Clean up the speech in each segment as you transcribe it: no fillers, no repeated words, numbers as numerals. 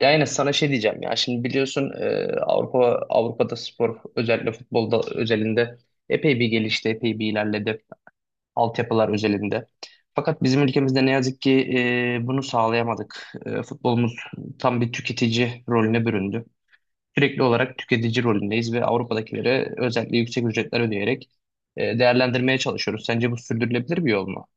Ya yine sana şey diyeceğim ya, şimdi biliyorsun Avrupa Avrupa'da spor, özellikle futbolda özelinde epey bir gelişti, epey bir ilerledi, altyapılar özelinde. Fakat bizim ülkemizde ne yazık ki bunu sağlayamadık. Futbolumuz tam bir tüketici rolüne büründü. Sürekli olarak tüketici rolündeyiz ve Avrupa'dakilere özellikle yüksek ücretler ödeyerek değerlendirmeye çalışıyoruz. Sence bu sürdürülebilir bir yol mu?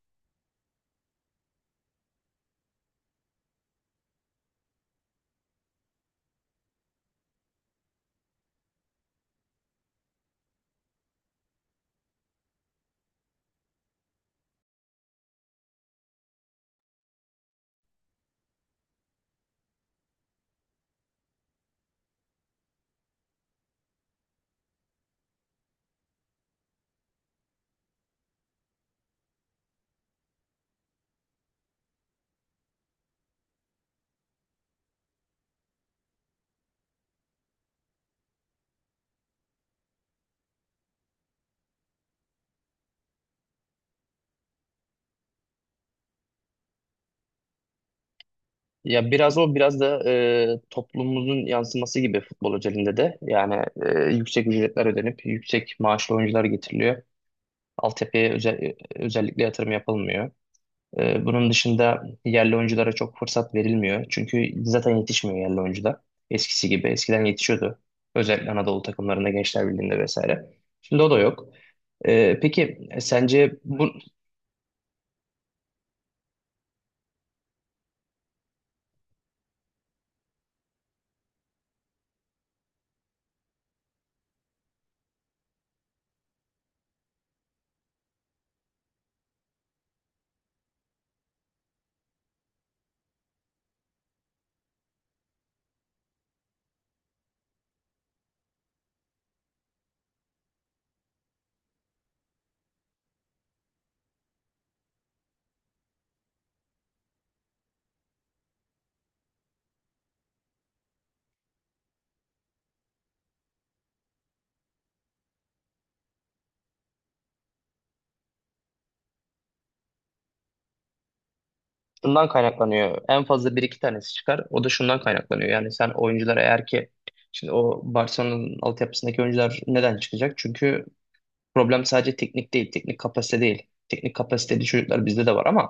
Ya biraz o, biraz da toplumumuzun yansıması gibi futbol özelinde de, yani yüksek ücretler ödenip yüksek maaşlı oyuncular getiriliyor. Altyapıya özel, özellikle yatırım yapılmıyor. Bunun dışında yerli oyunculara çok fırsat verilmiyor. Çünkü zaten yetişmiyor yerli oyuncular eskisi gibi. Eskiden yetişiyordu. Özellikle Anadolu takımlarında, Gençler Birliği'nde vesaire. Şimdi o da yok. Sence bu, şundan kaynaklanıyor. En fazla bir iki tanesi çıkar. O da şundan kaynaklanıyor. Yani sen, oyuncular eğer ki, şimdi o Barcelona'nın altyapısındaki oyuncular neden çıkacak? Çünkü problem sadece teknik değil, teknik kapasite değil. Teknik kapasiteli çocuklar bizde de var ama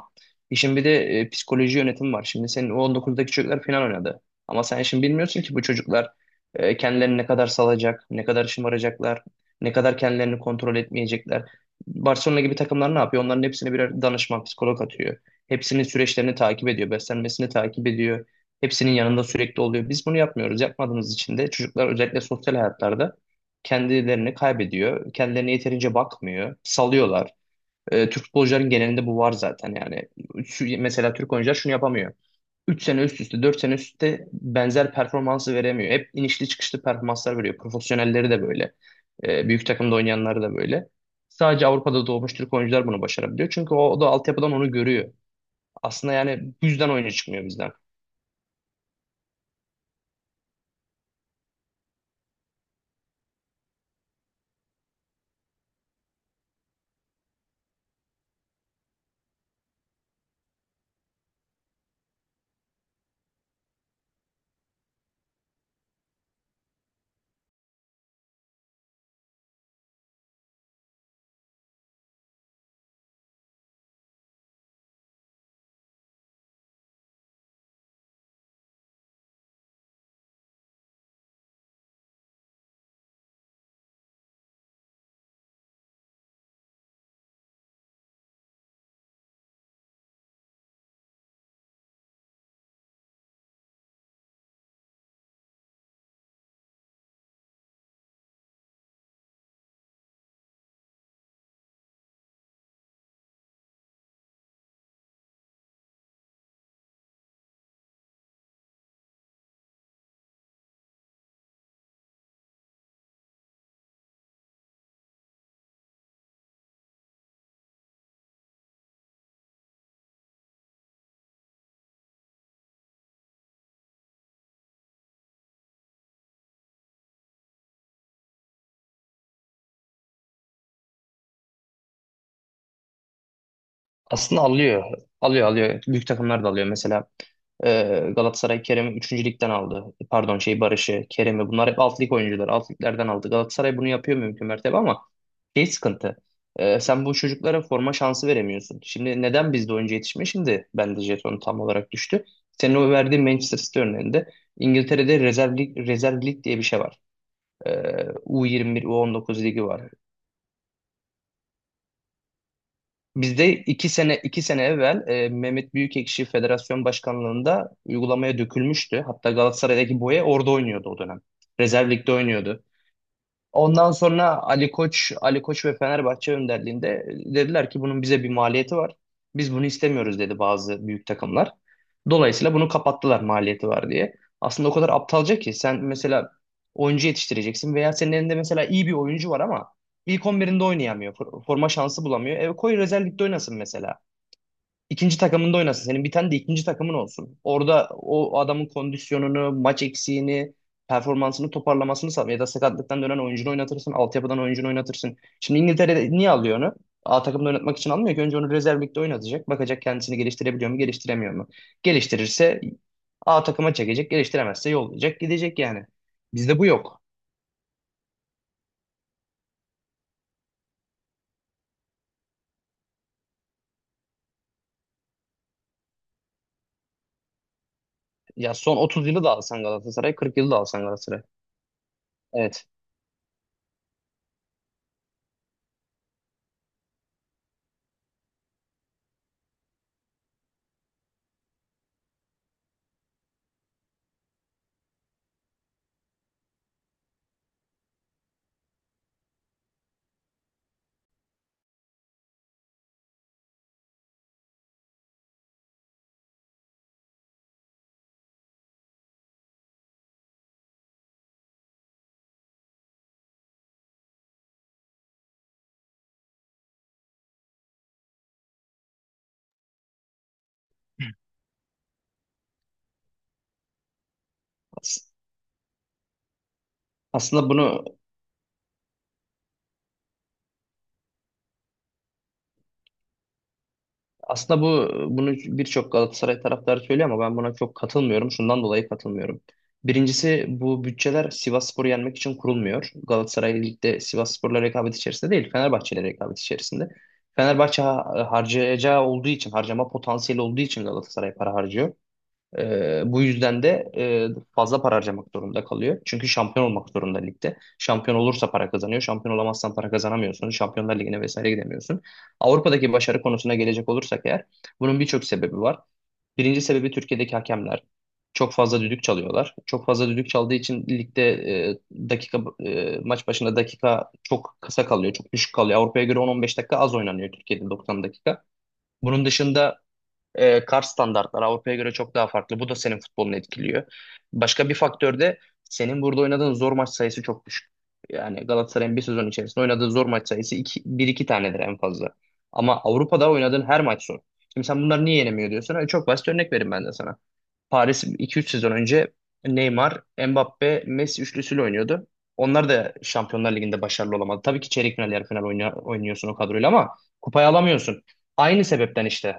işin bir de psikoloji yönetimi var. Şimdi senin U19'daki çocuklar final oynadı. Ama sen şimdi bilmiyorsun ki bu çocuklar kendilerini ne kadar salacak, ne kadar şımaracaklar, ne kadar kendilerini kontrol etmeyecekler. Barcelona gibi takımlar ne yapıyor? Onların hepsine birer danışman, psikolog atıyor. Hepsinin süreçlerini takip ediyor, beslenmesini takip ediyor. Hepsinin yanında sürekli oluyor. Biz bunu yapmıyoruz. Yapmadığımız için de çocuklar özellikle sosyal hayatlarda kendilerini kaybediyor. Kendilerine yeterince bakmıyor. Salıyorlar. Türk futbolcuların genelinde bu var zaten, yani. Şu, mesela Türk oyuncular şunu yapamıyor. 3 sene üst üste, 4 sene üst üste benzer performansı veremiyor. Hep inişli çıkışlı performanslar veriyor. Profesyonelleri de böyle. Büyük takımda oynayanları da böyle. Sadece Avrupa'da doğmuş Türk oyuncular bunu başarabiliyor. Çünkü o da altyapıdan onu görüyor. Aslında yani bu yüzden oyuna çıkmıyor bizden. Aslında alıyor. Alıyor. Büyük takımlar da alıyor. Mesela Galatasaray Kerem'i üçüncü ligden aldı. E, pardon, şey, Barış'ı, Kerem'i. Bunlar hep alt lig oyuncuları. Alt liglerden aldı. Galatasaray bunu yapıyor mümkün mertebe ama şey sıkıntı. Sen bu çocuklara forma şansı veremiyorsun. Şimdi neden bizde oyuncu yetişmiyor? Şimdi bende jeton tam olarak düştü. Senin o verdiğin Manchester City örneğinde İngiltere'de rezerv lig diye bir şey var. E, U21, U19 ligi var. Bizde iki sene evvel Mehmet Büyükekşi Federasyon Başkanlığında uygulamaya dökülmüştü. Hatta Galatasaray'daki Boye orada oynuyordu o dönem. Rezerv ligde oynuyordu. Ondan sonra Ali Koç ve Fenerbahçe önderliğinde dediler ki bunun bize bir maliyeti var. Biz bunu istemiyoruz, dedi bazı büyük takımlar. Dolayısıyla bunu kapattılar, maliyeti var diye. Aslında o kadar aptalca ki sen mesela oyuncu yetiştireceksin veya senin elinde mesela iyi bir oyuncu var ama ilk 11'inde oynayamıyor. Forma şansı bulamıyor. E koy rezervlikte oynasın mesela. İkinci takımında oynasın. Senin bir tane de ikinci takımın olsun. Orada o adamın kondisyonunu, maç eksiğini, performansını toparlamasını sağla. Ya da sakatlıktan dönen oyuncunu oynatırsın. Altyapıdan oyuncunu oynatırsın. Şimdi İngiltere niye alıyor onu? A takımda oynatmak için almıyor ki. Önce onu rezerv ligde oynatacak. Bakacak, kendisini geliştirebiliyor mu, geliştiremiyor mu? Geliştirirse A takıma çekecek. Geliştiremezse yollayacak, gidecek yani. Bizde bu yok. Ya son 30 yılı da alsan Galatasaray, 40 yılı da alsan Galatasaray. Evet. As- Aslında bunu Aslında bu bunu birçok Galatasaray taraftarı söylüyor ama ben buna çok katılmıyorum. Şundan dolayı katılmıyorum. Birincisi, bu bütçeler Sivasspor'u yenmek için kurulmuyor. Galatasaray ligde Sivasspor'la rekabet içerisinde değil, Fenerbahçe'yle rekabet içerisinde. Fenerbahçe harcayacağı olduğu için, harcama potansiyeli olduğu için Galatasaray para harcıyor. Bu yüzden de fazla para harcamak zorunda kalıyor. Çünkü şampiyon olmak zorunda ligde. Şampiyon olursa para kazanıyor. Şampiyon olamazsan para kazanamıyorsun. Şampiyonlar Ligi'ne vesaire gidemiyorsun. Avrupa'daki başarı konusuna gelecek olursak eğer, bunun birçok sebebi var. Birinci sebebi Türkiye'deki hakemler. Çok fazla düdük çalıyorlar. Çok fazla düdük çaldığı için ligde e, dakika maç başına dakika çok kısa kalıyor, çok düşük kalıyor. Avrupa'ya göre 10-15 dakika az oynanıyor Türkiye'de, 90 dakika. Bunun dışında kar standartlar Avrupa'ya göre çok daha farklı. Bu da senin futbolunu etkiliyor. Başka bir faktör de senin burada oynadığın zor maç sayısı çok düşük. Yani Galatasaray'ın bir sezon içerisinde oynadığı zor maç sayısı bir iki tanedir en fazla. Ama Avrupa'da oynadığın her maç zor. Şimdi sen bunları niye yenemiyor diyorsun? E, çok basit örnek vereyim ben de sana. Paris iki üç sezon önce Neymar, Mbappe, Messi üçlüsüyle oynuyordu. Onlar da Şampiyonlar Ligi'nde başarılı olamadı. Tabii ki çeyrek final, yarı final oynuyorsun o kadroyla ama kupayı alamıyorsun. Aynı sebepten işte.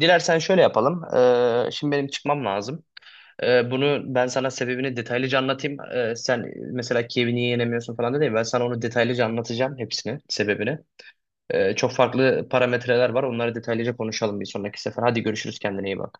Dilersen şöyle yapalım. Şimdi benim çıkmam lazım. Bunu ben sana sebebini detaylıca anlatayım. Sen mesela Kiev'i niye yenemiyorsun falan dedin. Ben sana onu detaylıca anlatacağım, hepsini, sebebini. Çok farklı parametreler var. Onları detaylıca konuşalım bir sonraki sefer. Hadi görüşürüz. Kendine iyi bak.